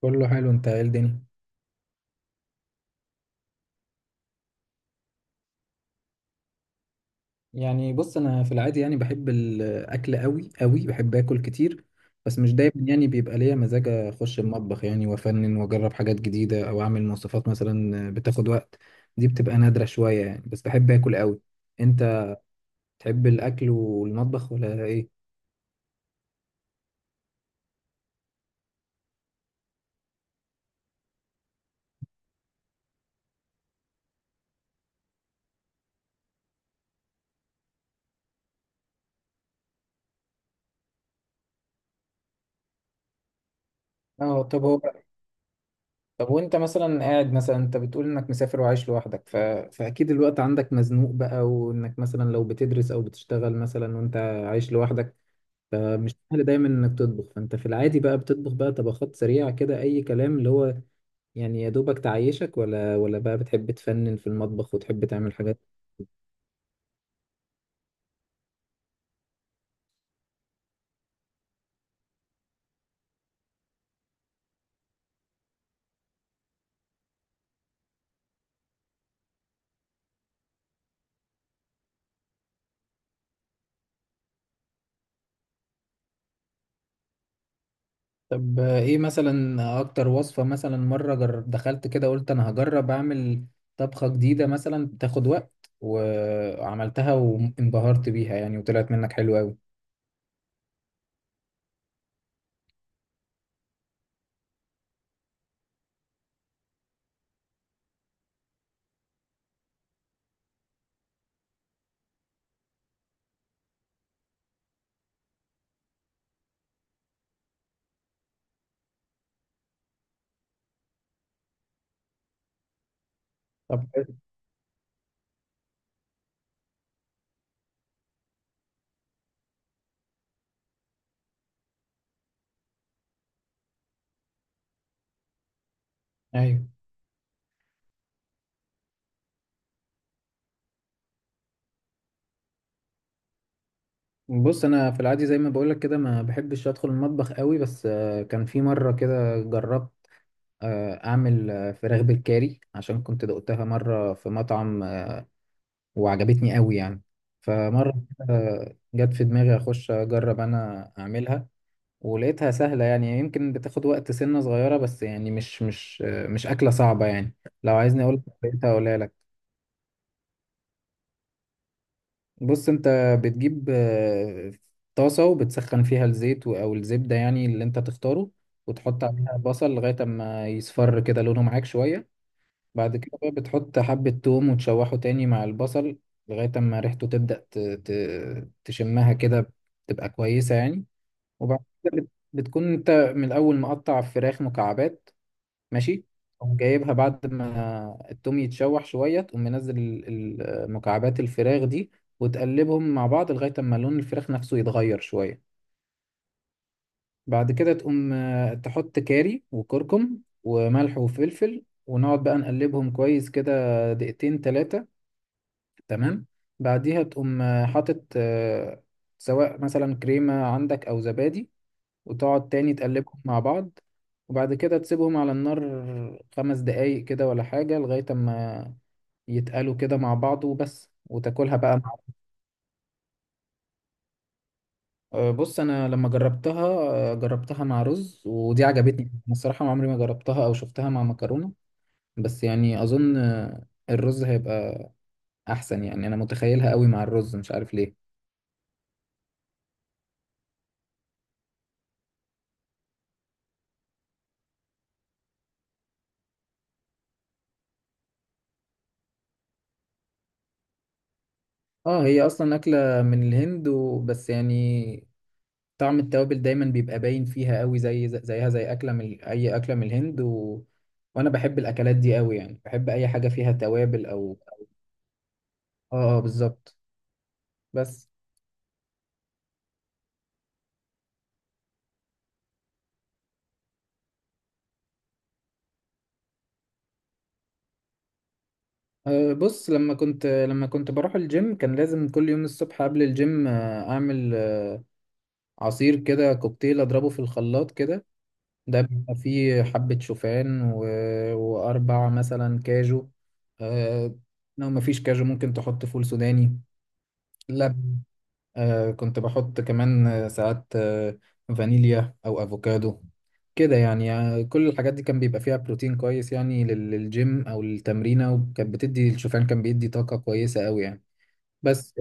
كله حلو. انت ايه الدنيا؟ بص، انا في العادي يعني بحب الاكل قوي قوي، بحب اكل كتير. بس مش دايما يعني بيبقى ليا مزاج اخش المطبخ يعني وافنن واجرب حاجات جديده، او اعمل وصفات مثلا بتاخد وقت. دي بتبقى نادره شويه يعني. بس بحب اكل قوي. انت تحب الاكل والمطبخ ولا ايه؟ اه طب هو. طب وانت مثلا قاعد، مثلا انت بتقول انك مسافر وعايش لوحدك فاكيد الوقت عندك مزنوق بقى، وانك مثلا لو بتدرس او بتشتغل مثلا وانت عايش لوحدك، فمش سهل دايما انك تطبخ. فانت في العادي بقى بتطبخ بقى طبخات سريعة كده، اي كلام، اللي هو يعني يا دوبك تعيشك، ولا بقى بتحب تفنن في المطبخ وتحب تعمل حاجات؟ طب ايه مثلا اكتر وصفة مثلا مرة دخلت كده قلت انا هجرب اعمل طبخة جديدة مثلا تاخد وقت، وعملتها وانبهرت بيها يعني، وطلعت منك حلوة قوي؟ طب ايوه، بص، انا في العادي زي ما بقولك كده ما بحبش ادخل المطبخ قوي. بس كان في مرة كده جربت اعمل فراخ بالكاري، عشان كنت دقتها مره في مطعم، وعجبتني قوي يعني. فمره كده جت في دماغي اخش اجرب انا اعملها، ولقيتها سهله يعني. يمكن بتاخد وقت سنه صغيره، بس يعني مش مش اكله صعبه يعني. لو عايزني اقول لقيتها اقولها لك. بص، انت بتجيب طاسه وبتسخن فيها الزيت او الزبده، يعني اللي انت تختاره، وتحط عليها بصل لغايه اما يصفر كده لونه معاك شويه. بعد كده بقى بتحط حبة توم وتشوحه تاني مع البصل لغاية أما ريحته تبدأ تشمها كده تبقى كويسة يعني. وبعد كده بتكون أنت من الأول مقطع فراخ مكعبات، ماشي. تقوم جايبها بعد ما التوم يتشوح شوية، تقوم منزل مكعبات الفراخ دي، وتقلبهم مع بعض لغاية أما لون الفراخ نفسه يتغير شوية. بعد كده تقوم تحط كاري وكركم وملح وفلفل، ونقعد بقى نقلبهم كويس كده 2 3 دقايق، تمام. بعديها تقوم حاطط، سواء مثلا كريمة عندك أو زبادي، وتقعد تاني تقلبهم مع بعض. وبعد كده تسيبهم على النار 5 دقايق كده ولا حاجة، لغاية أما يتقلوا كده مع بعض وبس، وتاكلها بقى مع بص، أنا لما جربتها جربتها مع رز، ودي عجبتني أنا الصراحة. عمري ما جربتها أو شفتها مع مكرونة، بس يعني أظن الرز هيبقى أحسن، يعني أنا متخيلها قوي مع الرز مش عارف ليه. اه، هي اصلا اكله من الهند وبس يعني. طعم التوابل دايما بيبقى باين فيها قوي، زي زيها زي اكله من اي اكله من الهند وانا بحب الاكلات دي قوي يعني، بحب اي حاجه فيها توابل او اه اه بالظبط. بس بص، لما كنت بروح الجيم كان لازم كل يوم الصبح قبل الجيم اعمل عصير كده كوكتيل اضربه في الخلاط كده. ده بيبقى فيه حبة شوفان وأربع مثلا كاجو، آه لو مفيش كاجو ممكن تحط فول سوداني، لبن. كنت بحط كمان ساعات فانيليا أو أفوكادو كده يعني, كل الحاجات دي كان بيبقى فيها بروتين كويس يعني للجيم أو للتمرينة، وكانت بتدي الشوفان، كان بيدي طاقة كويسة أوي يعني. بس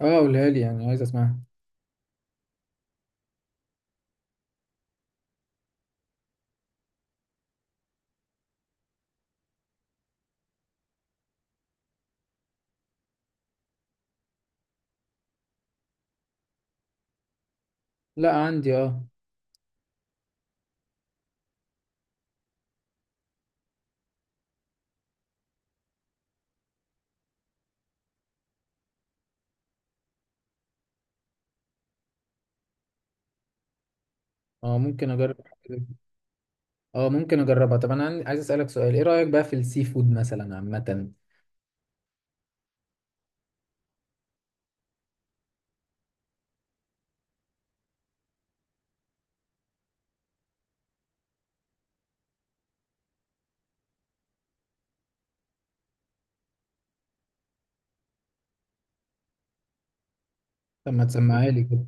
اه، قولها لي يعني عايز أسمعها. لا عندي اه. اه ممكن أجرب حاجة. اه ممكن اجربها. طب انا عايز اسالك سؤال: ايه رايك بقى في السي فود مثلا عامه؟ طب ما تسمعها لي كده.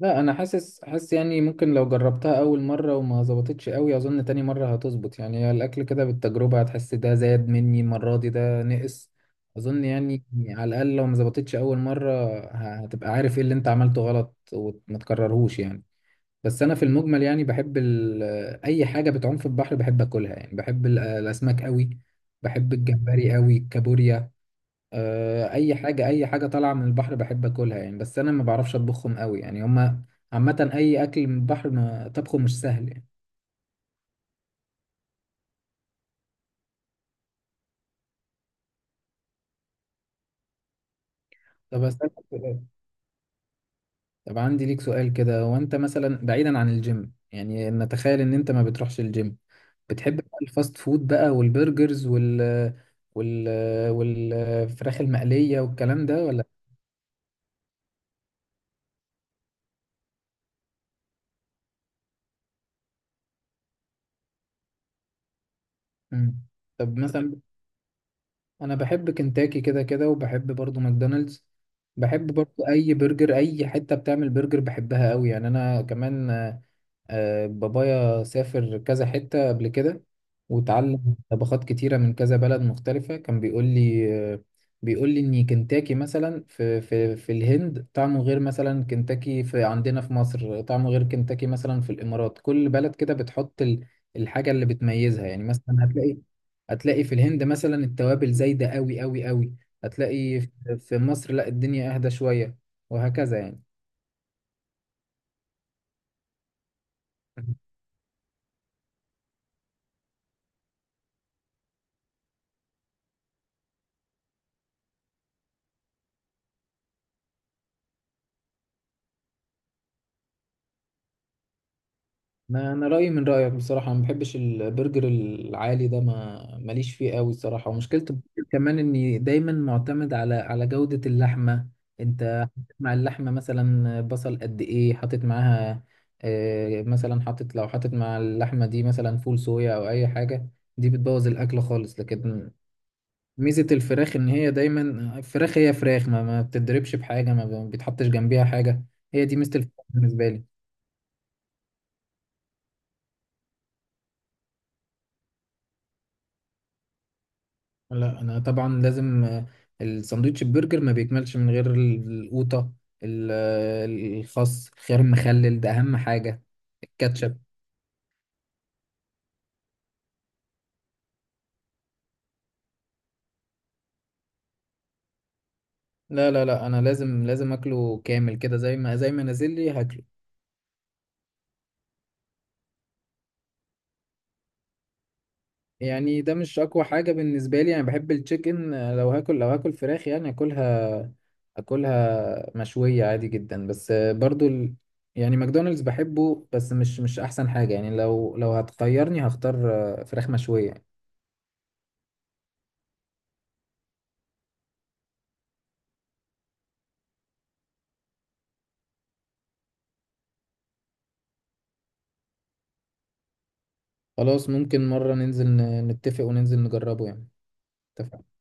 لا انا حاسس يعني ممكن لو جربتها اول مره وما ظبطتش قوي، اظن تاني مره هتظبط يعني. هي الاكل كده بالتجربه، هتحس ده زاد مني المره دي، ده نقص، اظن يعني. على الاقل لو ما ظبطتش اول مره هتبقى عارف ايه اللي انت عملته غلط، وما تكررهوش يعني. بس انا في المجمل يعني بحب اي حاجه بتعوم في البحر بحب اكلها يعني، بحب الاسماك قوي، بحب الجمبري قوي، الكابوريا. اي حاجه طالعه من البحر بحب اكلها يعني. بس انا ما بعرفش اطبخهم قوي يعني. هما عامه اي اكل من البحر ما طبخه مش سهل يعني. طب اسالك سؤال. طب عندي ليك سؤال كده: هو انت مثلا بعيدا عن الجيم، يعني نتخيل ان انت ما بتروحش الجيم، بتحب بقى الفاست فود بقى والبرجرز وال والفراخ المقليه والكلام ده ولا؟ مم. طب مثلا انا بحب كنتاكي كده كده، وبحب برضو ماكدونالدز. بحب برضو اي برجر، اي حته بتعمل برجر بحبها قوي يعني. انا كمان بابايا سافر كذا حتة قبل كده وتعلم طبخات كتيرة من كذا بلد مختلفة. كان بيقول لي بيقول لي إن كنتاكي مثلا في الهند طعمه غير مثلا كنتاكي في عندنا في مصر، طعمه غير كنتاكي مثلا في الإمارات. كل بلد كده بتحط الحاجة اللي بتميزها يعني. مثلا هتلاقي، هتلاقي في الهند مثلا التوابل زايدة قوي قوي قوي، هتلاقي في مصر لا الدنيا أهدى شوية، وهكذا يعني. أنا رايي من رايك بصراحه. أنا ما بحبش البرجر العالي ده، ما ماليش فيه قوي الصراحه. ومشكله البرجر كمان اني دايما معتمد على جوده اللحمه. انت مع اللحمه مثلا بصل قد ايه حاطط معاها؟ مثلا حاطط، لو مع اللحمه دي مثلا فول صويا او اي حاجه، دي بتبوظ الاكل خالص. لكن ميزه الفراخ ان هي دايما الفراخ، هي فراخ، ما بتتضربش بحاجه، ما بيتحطش جنبيها حاجه. هي دي ميزه الفراخ بالنسبه لي. لا انا طبعا لازم الساندوتش البرجر ما بيكملش من غير القوطه، ال- الخس، الخيار، المخلل ده اهم حاجه، الكاتشب. لا لا لا، انا لازم اكله كامل كده، زي ما نازل لي هاكله. يعني ده مش اقوى حاجه بالنسبه لي، انا بحب التشيكن. لو هاكل فراخ يعني اكلها، اكلها مشويه عادي جدا. بس برضو يعني ماكدونالدز بحبه، بس مش احسن حاجه يعني. لو هتخيرني هختار فراخ مشويه. خلاص ممكن مرة ننزل نتفق وننزل نجربه يعني. اتفقنا.